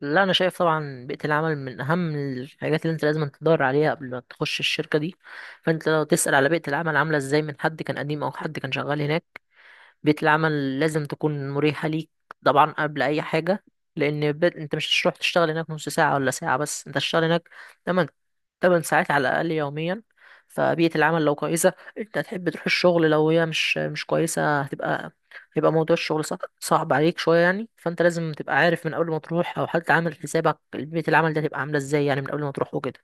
لا، انا شايف طبعا بيئه العمل من اهم الحاجات اللي انت لازم تدور عليها قبل ما تخش الشركه دي. فانت لو تسال على بيئه العمل عامله ازاي من حد كان قديم او حد كان شغال هناك. بيئة العمل لازم تكون مريحة ليك طبعا قبل أي حاجة، لأن أنت مش هتروح تشتغل هناك نص ساعة ولا ساعة، بس أنت هتشتغل هناك تمن تمن ساعات على الأقل يوميا. فبيئة العمل لو كويسة أنت هتحب تروح الشغل، لو هي مش كويسة هيبقى موضوع الشغل صعب عليك شوية يعني. فأنت لازم تبقى عارف من قبل ما تروح، أو حتى عامل حسابك بيئة العمل ده هتبقى عاملة إزاي يعني من قبل ما تروح وكده.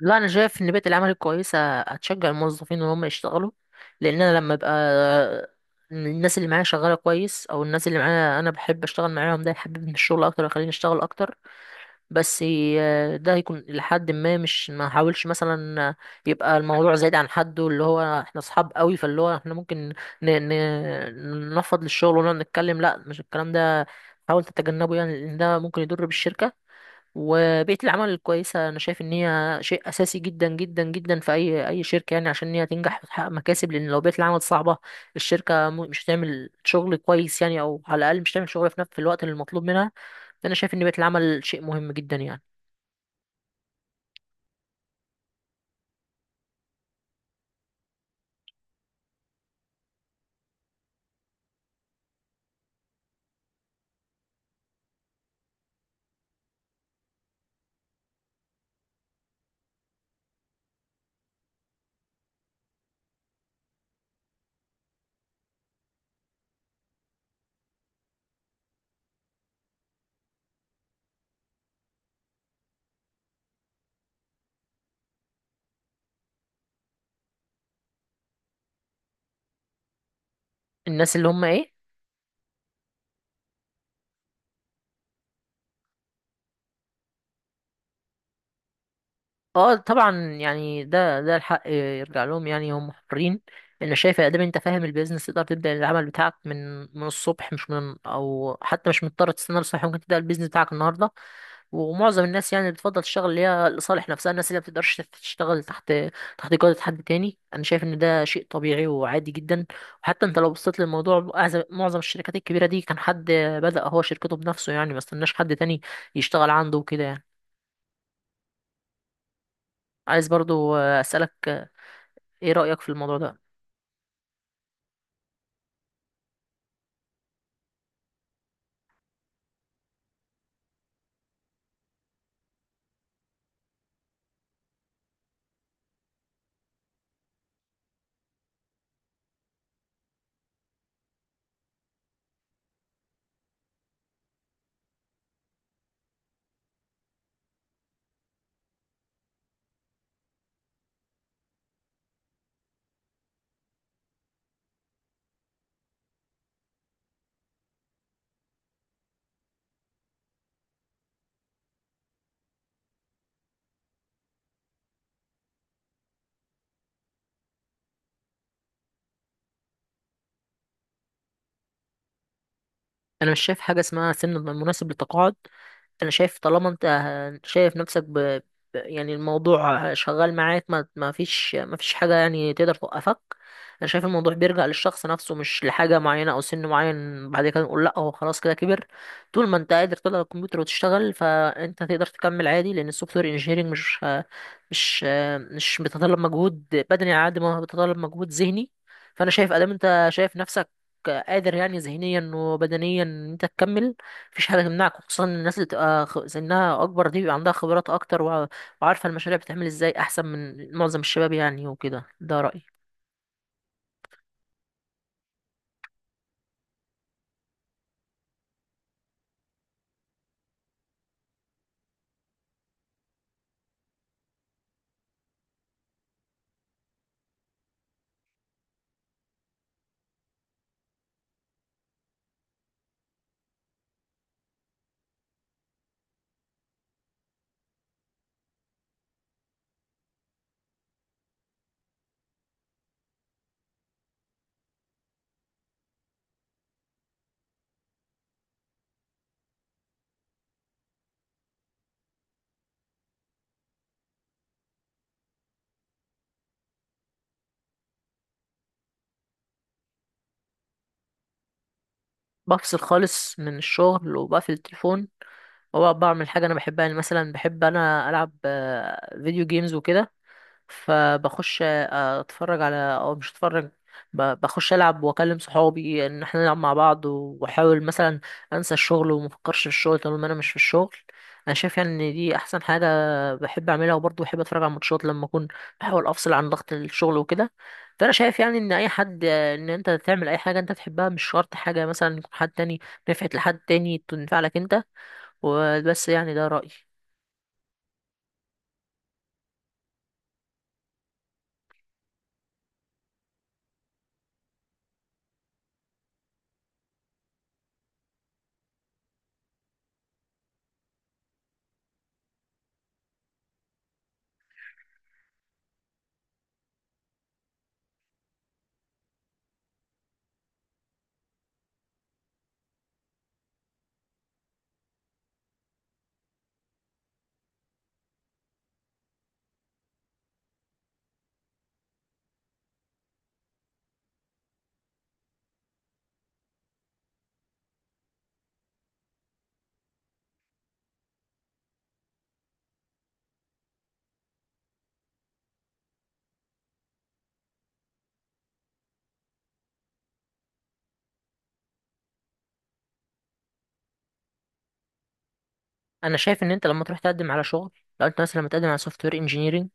لا، انا شايف ان بيئه العمل الكويسه هتشجع الموظفين ان هم يشتغلوا، لان انا لما ابقى الناس اللي معايا شغاله كويس او الناس اللي معايا انا بحب اشتغل معاهم، ده يحببني في الشغل اكتر ويخليني اشتغل اكتر. بس ده هيكون لحد ما مش ما احاولش مثلا يبقى الموضوع زايد عن حده، اللي هو احنا اصحاب قوي، فاللي هو احنا ممكن ننفض للشغل ونقعد نتكلم. لا، مش الكلام ده، حاول تتجنبه يعني لان ده ممكن يضر بالشركه. وبيئة العمل الكويسة أنا شايف إن هي شيء أساسي جدا جدا جدا في أي شركة يعني، عشان إن هي تنجح وتحقق مكاسب، لأن لو بيئة العمل صعبة الشركة مش هتعمل شغل كويس يعني، أو على الأقل مش هتعمل شغل في في الوقت اللي المطلوب منها. فأنا شايف إن بيئة العمل شيء مهم جدا يعني. الناس اللي هم إيه؟ أه طبعا، يعني ده الحق يرجع لهم يعني، هم حرين. أنا شايف يا دام أنت فاهم البيزنس تقدر تبدأ العمل بتاعك من الصبح، مش من أو حتى مش مضطر تستنى الصبح، ممكن تبدأ البيزنس بتاعك النهاردة. ومعظم الناس يعني بتفضل الشغل اللي هي لصالح نفسها، الناس اللي ما بتقدرش تشتغل تحت جودة حد تاني. انا شايف ان ده شيء طبيعي وعادي جدا. وحتى انت لو بصيت للموضوع، معظم الشركات الكبيرة دي كان حد بدأ هو شركته بنفسه، يعني ما استناش حد تاني يشتغل عنده وكده يعني. عايز برضو أسألك ايه رأيك في الموضوع ده. انا مش شايف حاجه اسمها سن مناسب للتقاعد. انا شايف طالما انت شايف نفسك يعني الموضوع شغال معاك، ما فيش حاجه يعني تقدر توقفك. انا شايف الموضوع بيرجع للشخص نفسه، مش لحاجه معينه او سن معين بعد كده نقول لا هو خلاص كده كبر. طول ما انت قادر تطلع الكمبيوتر وتشتغل، فانت تقدر تكمل عادي، لان السوفت وير انجينيرنج مش مش بيتطلب مجهود بدني على قد ما هو بيتطلب مجهود ذهني. فانا شايف ادام انت شايف نفسك قادر يعني ذهنيا وبدنيا ان انت تكمل، مفيش حاجه تمنعك، خصوصا إن الناس اللي تبقى سنها اكبر دي بيبقى عندها خبرات اكتر، وعارفه المشاريع بتتعمل ازاي احسن من معظم الشباب يعني وكده. ده رايي. بفصل خالص من الشغل وبقفل التليفون، وبقعد بعمل حاجه انا بحبها، يعني مثلا بحب انا العب فيديو جيمز وكده. فبخش اتفرج على او مش اتفرج، بخش العب واكلم صحابي ان احنا نلعب مع بعض، واحاول مثلا انسى الشغل وما افكرش في الشغل طالما انا مش في الشغل. انا شايف يعني ان دي احسن حاجه بحب اعملها. وبرضه بحب اتفرج على الماتشات لما اكون بحاول افصل عن ضغط الشغل وكده. فانا شايف يعني ان اي حد، ان انت تعمل اي حاجه انت تحبها، مش شرط حاجه مثلا يكون حد تاني نفعت لحد تاني تنفع لك انت. وبس يعني، ده رايي. انا شايف ان انت لما تروح تقدم على شغل، لو انت مثلا متقدم على سوفت وير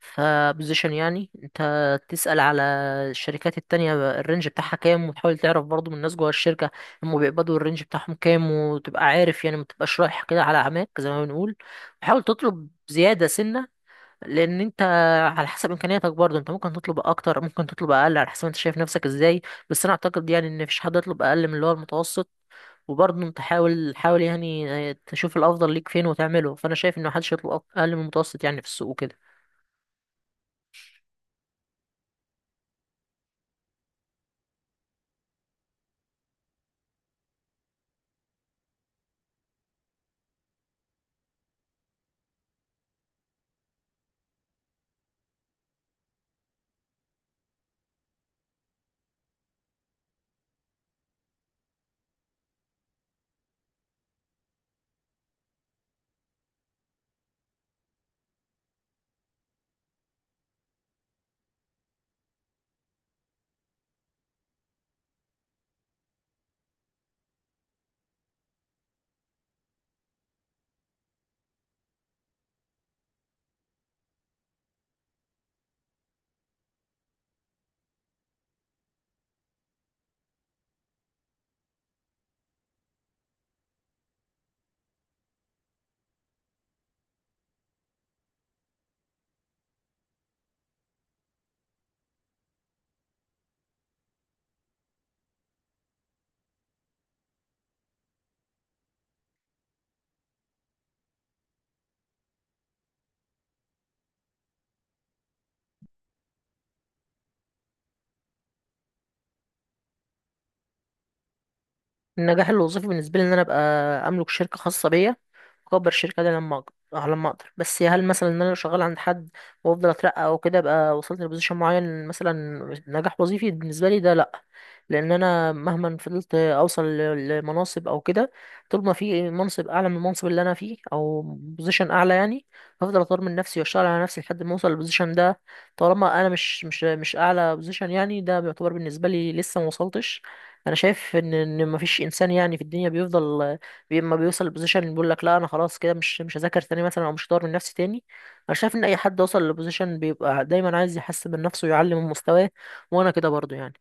فبوزيشن يعني، انت تسأل على الشركات التانية الرينج بتاعها كام، وتحاول تعرف برضو من الناس جوه الشركة هم بيقبضوا الرينج بتاعهم كام، وتبقى عارف يعني، ما تبقاش رايح كده على عماك زي ما بنقول. وحاول تطلب زيادة سنة، لان انت على حسب امكانياتك برضو انت ممكن تطلب اكتر ممكن تطلب اقل، على حسب انت شايف نفسك ازاي. بس انا اعتقد يعني ان مفيش حد يطلب اقل من اللي هو المتوسط. وبرضه انت حاول يعني تشوف الافضل ليك فين وتعمله. فانا شايف ان محدش يطلب اقل من المتوسط يعني في السوق وكده. النجاح الوظيفي بالنسبه لي ان انا ابقى املك شركه خاصه بيا، واكبر الشركه دي لما اقدر. لما اقدر. بس هل مثلا ان انا لو شغال عند حد وافضل اترقى او كده ابقى وصلت لبوزيشن معين مثلا، نجاح وظيفي بالنسبه لي ده؟ لا، لان انا مهما فضلت اوصل لمناصب او كده، طول ما في منصب اعلى من المنصب اللي انا فيه او بوزيشن اعلى يعني، هفضل اطور من نفسي واشتغل على نفسي لحد ما اوصل للبوزيشن ده. طالما انا مش اعلى بوزيشن يعني، ده بيعتبر بالنسبه لي لسه ما وصلتش. انا شايف ان ان مفيش انسان يعني في الدنيا بيفضل، اما بيوصل لبوزيشن اللي بيقول لك لا انا خلاص كده مش هذاكر تاني مثلا او مش هطور من نفسي تاني. انا شايف ان اي حد وصل لبوزيشن بيبقى دايما عايز يحسن من نفسه ويعلي من مستواه، وانا كده برضو يعني.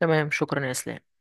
تمام، شكرا يا اسلام.